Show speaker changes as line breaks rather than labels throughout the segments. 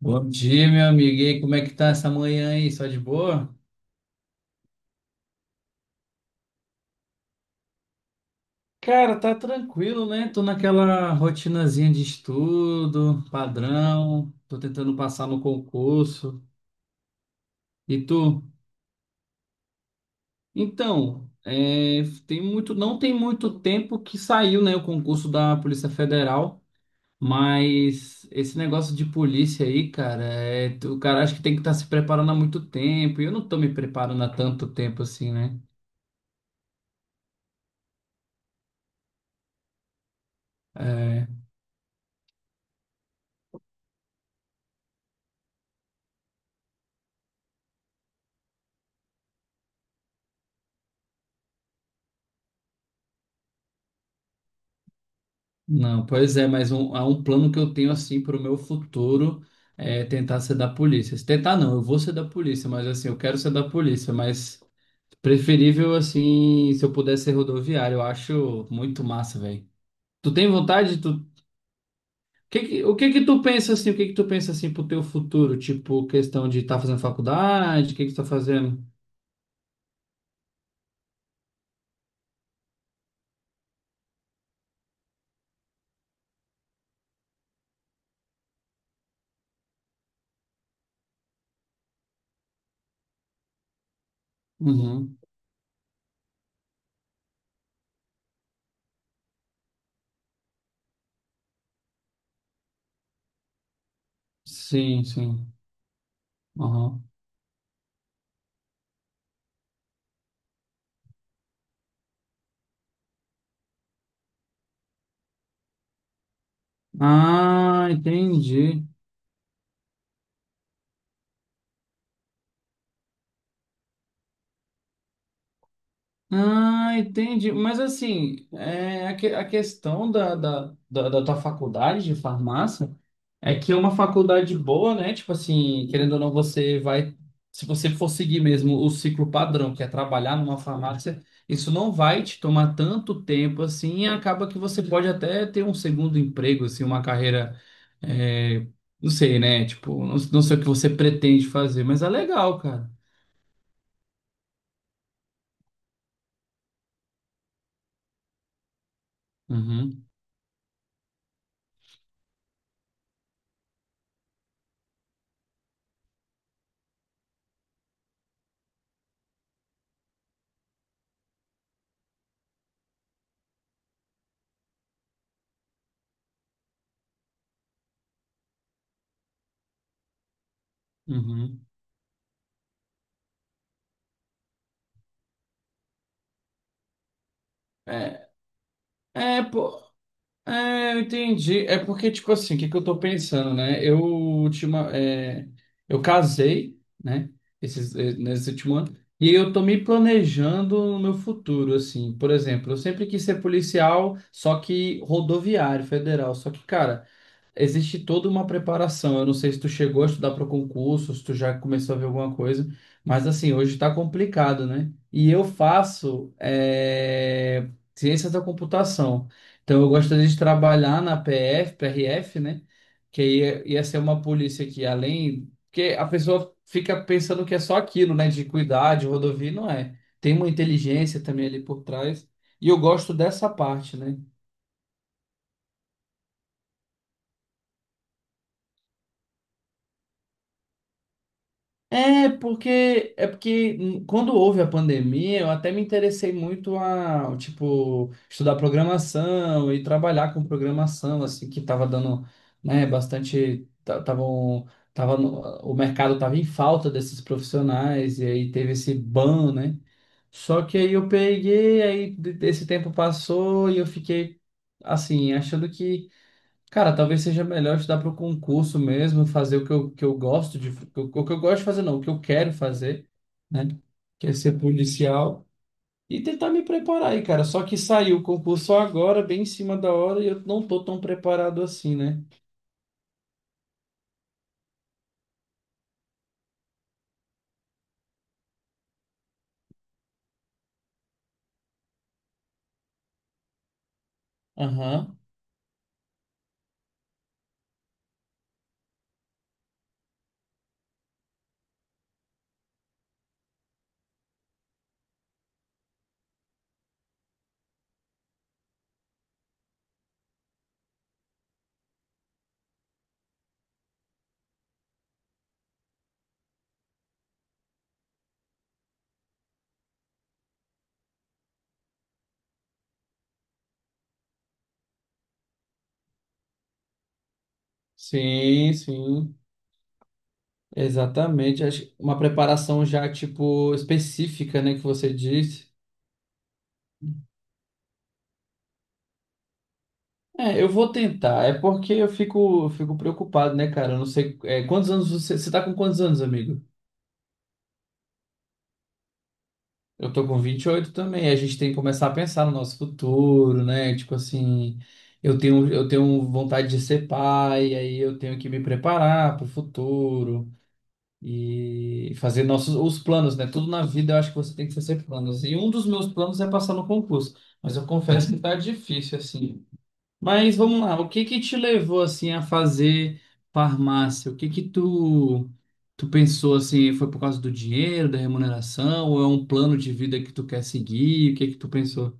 Bom dia, meu amigo. E aí, como é que tá essa manhã aí? Só de boa? Cara, tá tranquilo, né? Tô naquela rotinazinha de estudo, padrão. Tô tentando passar no concurso. E tu? Então, é, não tem muito tempo que saiu, né, o concurso da Polícia Federal, mas esse negócio de polícia aí, cara, é, o cara acha que tem que estar se preparando há muito tempo. E eu não tô me preparando há tanto tempo assim, né? É. Não, pois é, mas há um plano que eu tenho assim para o meu futuro é tentar ser da polícia. Se tentar não, eu vou ser da polícia, mas assim, eu quero ser da polícia, mas preferível assim, se eu puder ser rodoviário, eu acho muito massa, velho. Tu tem vontade? O que que tu pensa assim? O que que tu pensa assim pro teu futuro? Tipo, questão de estar fazendo faculdade, o que que tu tá fazendo? Uhum. Sim, sim. Uhum. Ah, entendi. Ah, entendi. Mas assim, é, a questão da tua faculdade de farmácia é que é uma faculdade boa, né? Tipo assim, querendo ou não, você vai. Se você for seguir mesmo o ciclo padrão, que é trabalhar numa farmácia, isso não vai te tomar tanto tempo assim, e acaba que você pode até ter um segundo emprego, assim, uma carreira. é, não sei, né? Tipo, não, não sei o que você pretende fazer, mas é legal, cara. Uhum, uhum. É, é, pô. É, eu entendi. É porque, tipo assim, o que que eu tô pensando, né? Eu casei, né? Nesse último ano. E eu tô me planejando no meu futuro, assim. Por exemplo, eu sempre quis ser policial, só que rodoviário, federal. Só que, cara, existe toda uma preparação. Eu não sei se tu chegou a estudar para concurso, se tu já começou a ver alguma coisa, mas assim, hoje está complicado, né? E eu faço ciências da computação. Então eu gostaria de trabalhar na PF, PRF, né? Que aí ia ser uma polícia que além. Porque a pessoa fica pensando que é só aquilo, né? De cuidar de rodovia, não é. Tem uma inteligência também ali por trás. E eu gosto dessa parte, né? É porque quando houve a pandemia, eu até me interessei muito a, tipo, estudar programação e trabalhar com programação, assim, que estava dando, né, bastante, ta- tavam, tava no- o mercado tava em falta desses profissionais e aí teve esse ban, né? Só que aí eu peguei, esse tempo passou e eu fiquei assim, achando que cara, talvez seja melhor estudar para o concurso mesmo, fazer o que eu gosto de, o que eu gosto de fazer, não, o que eu quero fazer, né? Que é ser policial e tentar me preparar aí, cara. Só que saiu o concurso agora, bem em cima da hora, e eu não tô tão preparado assim, né? Aham. Sim, sim. Exatamente. Acho que uma preparação já, tipo, específica, né, que você disse. É, eu vou tentar. É porque eu fico preocupado, né, cara? Eu não sei, quantos anos você. Você tá com quantos anos, amigo? Eu tô com 28 também. A gente tem que começar a pensar no nosso futuro, né? Tipo assim, eu tenho vontade de ser pai, aí eu tenho que me preparar pro futuro e fazer nossos os planos, né? Tudo na vida eu acho que você tem que fazer planos. E um dos meus planos é passar no concurso, mas eu confesso que tá difícil assim. Mas vamos lá, o que que te levou assim a fazer farmácia? O que que tu pensou assim, foi por causa do dinheiro, da remuneração, ou é um plano de vida que tu quer seguir? O que que tu pensou?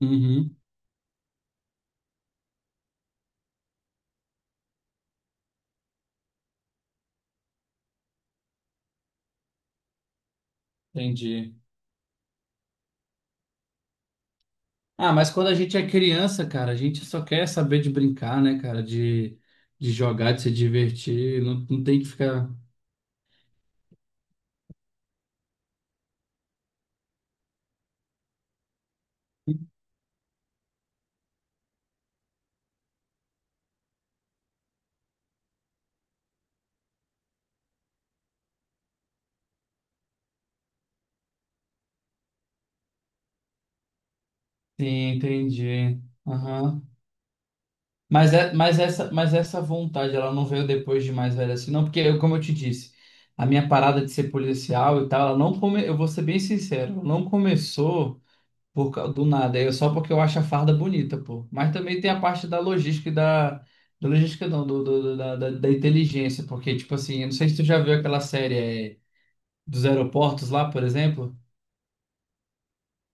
Uhum, entendi. Ah, mas quando a gente é criança, cara, a gente só quer saber de brincar, né, cara, de jogar, de se divertir, não, não tem que ficar. Sim, entendi. Aham. Mas essa vontade, ela não veio depois de mais velho assim, não, porque, eu, como eu te disse, a minha parada de ser policial e tal, ela não come, eu vou ser bem sincero, ela não começou do nada, é só porque eu acho a farda bonita, pô. Mas também tem a parte da logística e da. Da logística não, da inteligência, porque, tipo assim, eu não sei se tu já viu aquela série é, dos aeroportos lá, por exemplo.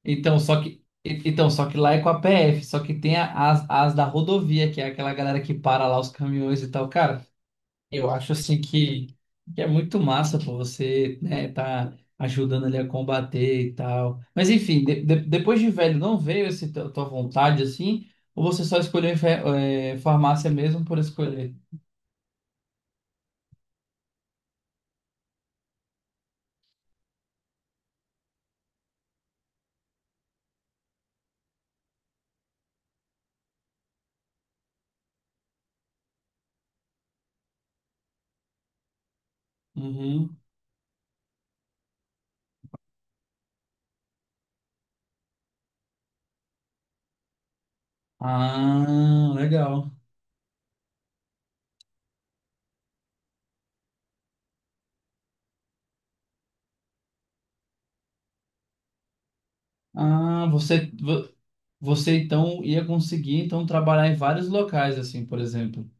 Então, só que lá é com a PF, só que tem as da rodovia, que é aquela galera que para lá os caminhões e tal. Cara, eu acho assim que é muito massa pô, você, né, tá ajudando ele a combater e tal. Mas enfim, depois de velho, não veio essa tua vontade assim? Ou você só escolheu farmácia mesmo por escolher? Uhum. Ah, legal. Ah, você então ia conseguir então trabalhar em vários locais assim, por exemplo.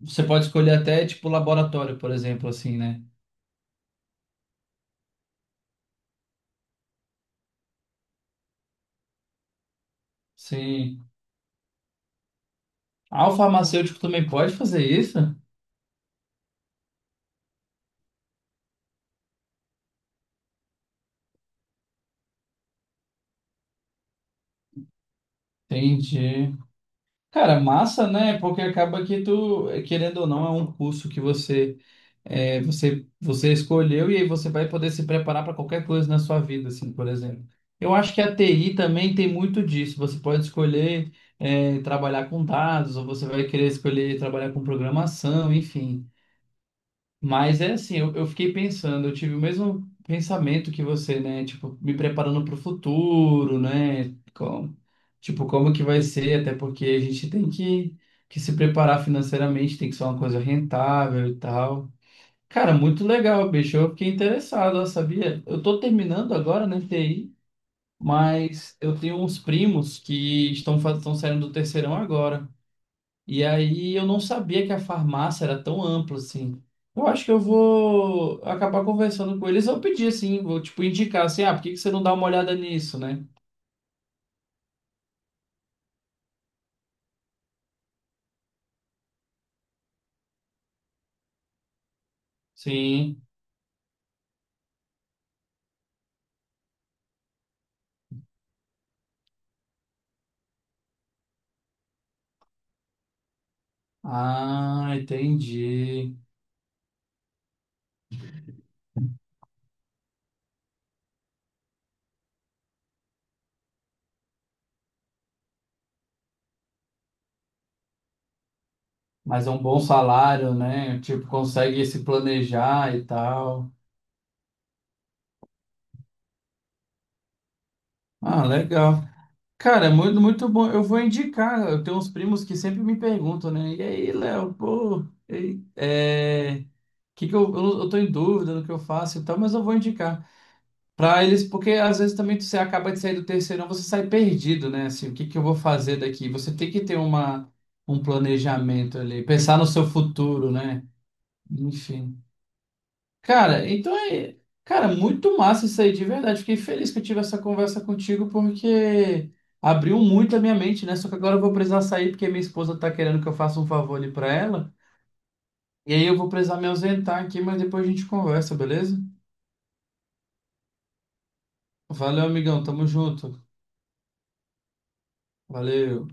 Você pode escolher até tipo laboratório, por exemplo, assim, né? Sim. Ah, o farmacêutico também pode fazer isso? Entendi. Cara, massa, né? Porque acaba que tu, querendo ou não, é um curso que você, é, você escolheu e aí você vai poder se preparar para qualquer coisa na sua vida, assim, por exemplo. Eu acho que a TI também tem muito disso. Você pode escolher, trabalhar com dados, ou você vai querer escolher trabalhar com programação, enfim. Mas é assim, eu fiquei pensando, eu tive o mesmo pensamento que você, né? Tipo, me preparando para o futuro, né? Como, tipo, como que vai ser, até porque a gente tem que se preparar financeiramente, tem que ser uma coisa rentável e tal. Cara, muito legal, bicho. Eu fiquei interessado, ó, sabia? Eu tô terminando agora, né, TI, mas eu tenho uns primos que estão saindo do terceirão agora. E aí eu não sabia que a farmácia era tão ampla assim. Eu acho que eu vou acabar conversando com eles. Eu pedi assim, vou tipo indicar assim, ah, por que que você não dá uma olhada nisso, né? Sim. Ah, entendi. Mas é um bom salário, né? Tipo, consegue se planejar e tal. Ah, legal. Cara, é muito, muito bom. Eu vou indicar. Eu tenho uns primos que sempre me perguntam, né? E aí, Léo, pô, e aí? Que eu tô em dúvida no que eu faço e tal, mas eu vou indicar pra eles, porque às vezes também você acaba de sair do terceirão, você sai perdido, né? Assim, o que que eu vou fazer daqui? Você tem que ter uma, um planejamento ali, pensar no seu futuro, né? Enfim. Cara, então é. Cara, muito massa isso aí, de verdade. Fiquei feliz que eu tive essa conversa contigo, porque abriu muito a minha mente, né? Só que agora eu vou precisar sair, porque minha esposa tá querendo que eu faça um favor ali pra ela. E aí eu vou precisar me ausentar aqui, mas depois a gente conversa, beleza? Valeu, amigão. Tamo junto. Valeu.